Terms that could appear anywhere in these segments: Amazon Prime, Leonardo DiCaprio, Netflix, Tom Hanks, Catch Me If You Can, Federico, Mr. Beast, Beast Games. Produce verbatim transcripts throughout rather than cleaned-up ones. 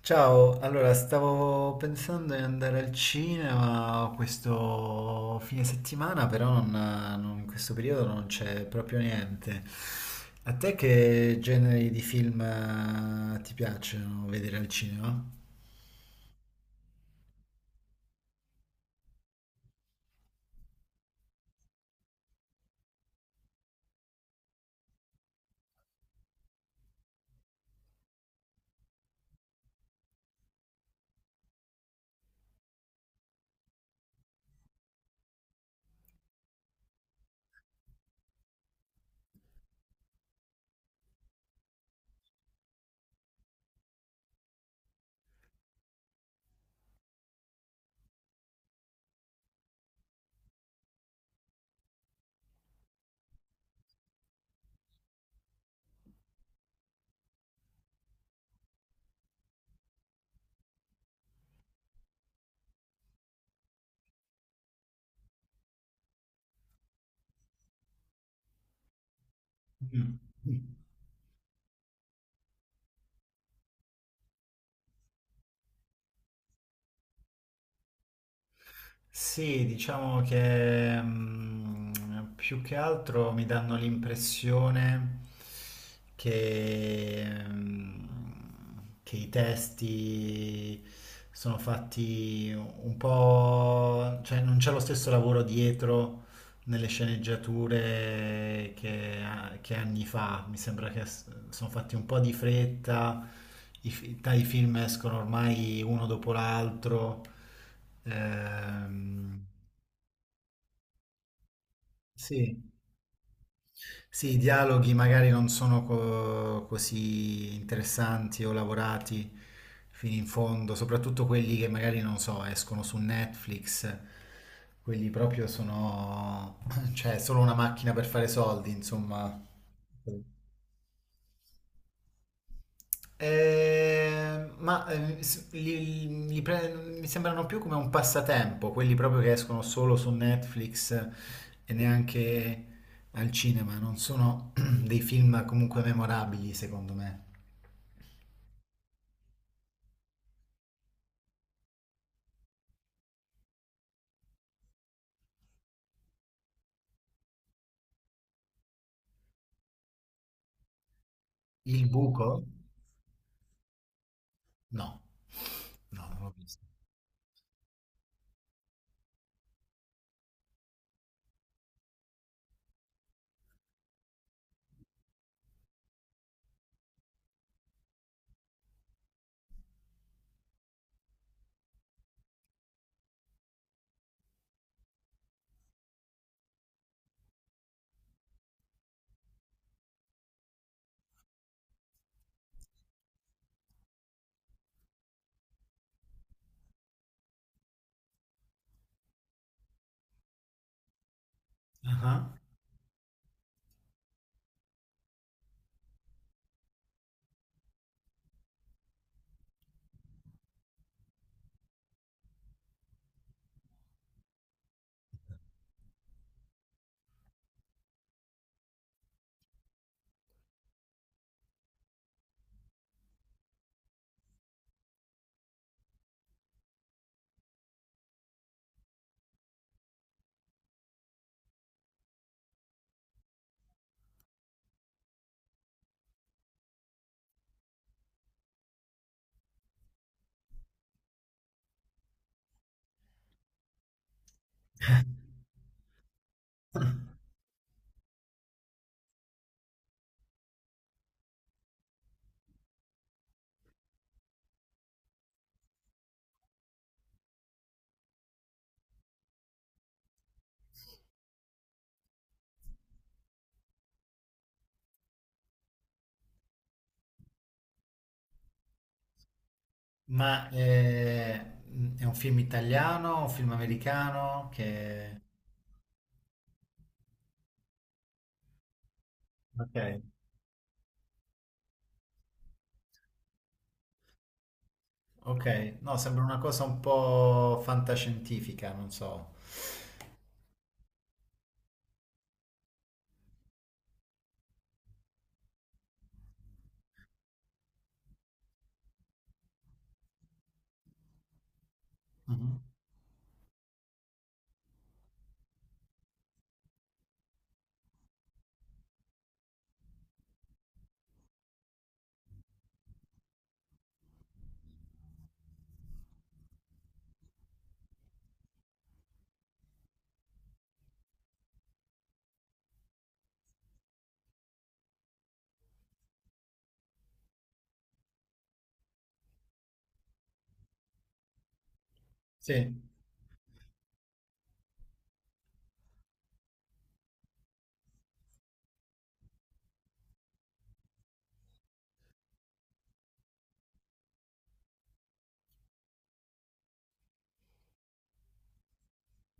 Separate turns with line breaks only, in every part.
Ciao, allora stavo pensando di andare al cinema questo fine settimana, però non- non- in questo periodo non c'è proprio niente. A te che generi di film eh, ti piacciono vedere al cinema? Mm. Sì, diciamo che mm, più che altro mi danno l'impressione che, mm, che i testi sono fatti un po', cioè non c'è lo stesso lavoro dietro nelle sceneggiature che, che anni fa. Mi sembra che sono fatti un po' di fretta, i, fi- dai film escono ormai uno dopo l'altro. Ehm, sì. Sì, i dialoghi magari non sono co- così interessanti o lavorati fino in fondo, soprattutto quelli che magari non so, escono su Netflix, quelli proprio sono, cioè, solo una macchina per fare soldi, insomma. Eh, ma eh, s- li- li pre- mi sembrano più come un passatempo, quelli proprio che escono solo su Netflix e neanche al cinema, non sono dei film comunque memorabili, secondo me. Il buco? No, no, non l'ho visto. Ah. Ma eh, è un film italiano, un film americano che... Ok, ok, no, sembra una cosa un po' fantascientifica, non so. Mhm. Sì.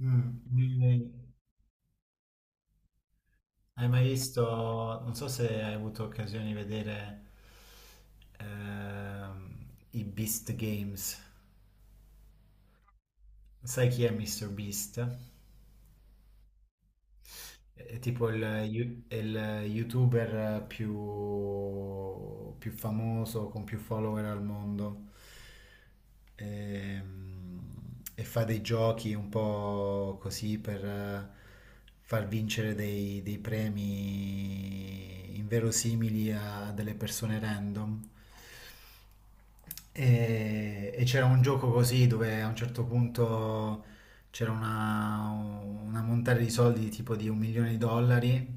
Mm. Mm, hai mai visto, non so se hai avuto occasione di vedere ehm, i Beast Games. Sai chi è Mister Beast? È tipo il, you- il youtuber più, più famoso, con più follower al mondo. Ehm, E fa dei giochi un po' così per eh, far vincere dei, dei premi inverosimili a delle persone random. E e c'era un gioco così dove a un certo punto c'era una, una montata di soldi tipo di un milione di dollari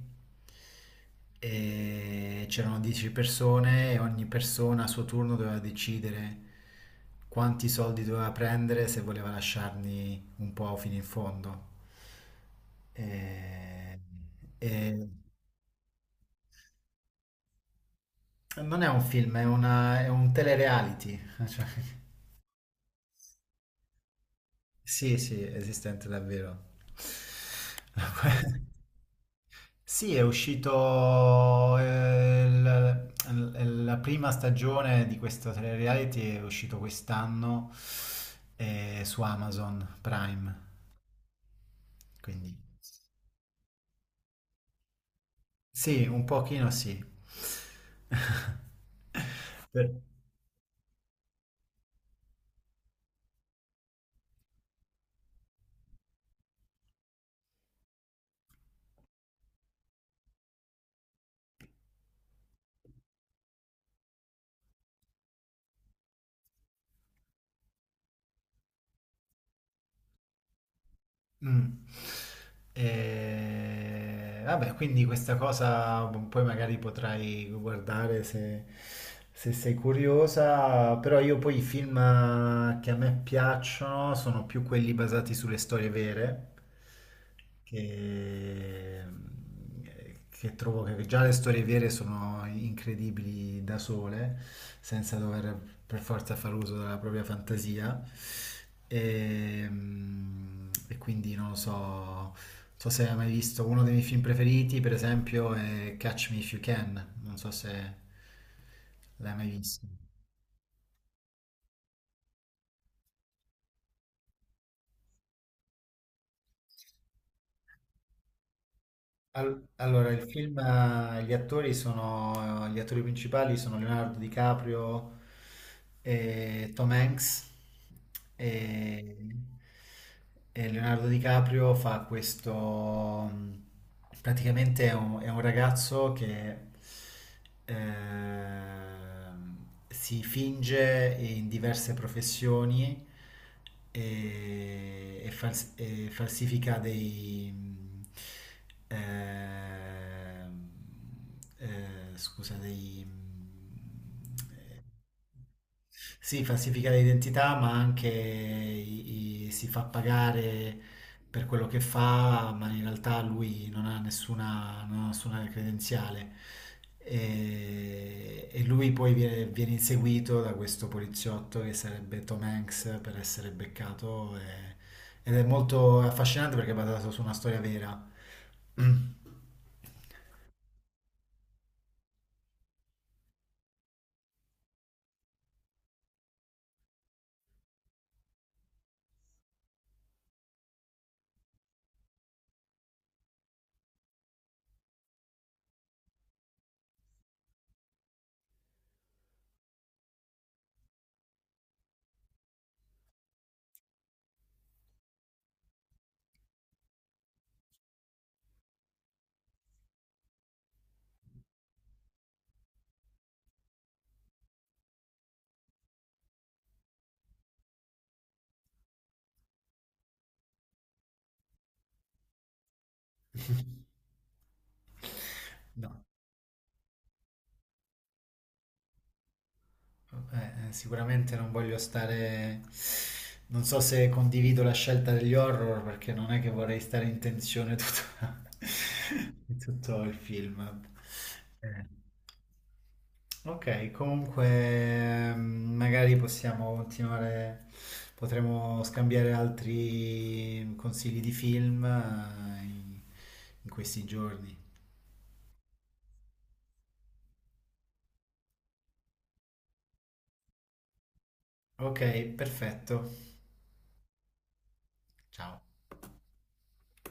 e c'erano dieci persone e ogni persona a suo turno doveva decidere quanti soldi doveva prendere se voleva lasciarli un po' fino in fondo. E- e non è un film, è, una- è un telereality. Cioè, sì, sì, esistente davvero. Sì, è uscito eh, il- il- la prima stagione di questo reality è uscito quest'anno eh, su Amazon Prime, quindi sì, un pochino sì. Per- Mm. E... Vabbè, quindi questa cosa poi magari potrai guardare se, se sei curiosa, però io poi i film che a me piacciono sono più quelli basati sulle storie vere che, che trovo che già le storie vere sono incredibili da sole, senza dover per forza far uso della propria fantasia. E, mm, e quindi non lo so, non so se hai mai visto uno dei miei film preferiti, per esempio, è Catch Me If You Can, non so se l'hai mai visto. Al- Allora, il film, eh, gli attori sono, eh, gli attori principali sono Leonardo DiCaprio e Tom Hanks. E e Leonardo DiCaprio fa questo, mm, praticamente è un, è un ragazzo che ehm, si finge in diverse professioni e e fals- e falsifica dei... mh, ehm, eh, scusa, dei... mh, eh, sì, falsifica l'identità, ma anche i- i- si fa pagare per quello che fa, ma in realtà lui non ha nessuna, non ha nessuna credenziale. E, e lui poi viene, viene inseguito da questo poliziotto che sarebbe Tom Hanks per essere beccato. E- ed è molto affascinante perché è basato su una storia vera. No. Eh, eh, sicuramente non voglio stare... Non so se condivido la scelta degli horror perché non è che vorrei stare in tensione tutto, tutto il film. Eh, Ok, comunque mm, magari possiamo continuare, potremo scambiare altri consigli di film eh, in in questi giorni. Ok, perfetto. Ciao.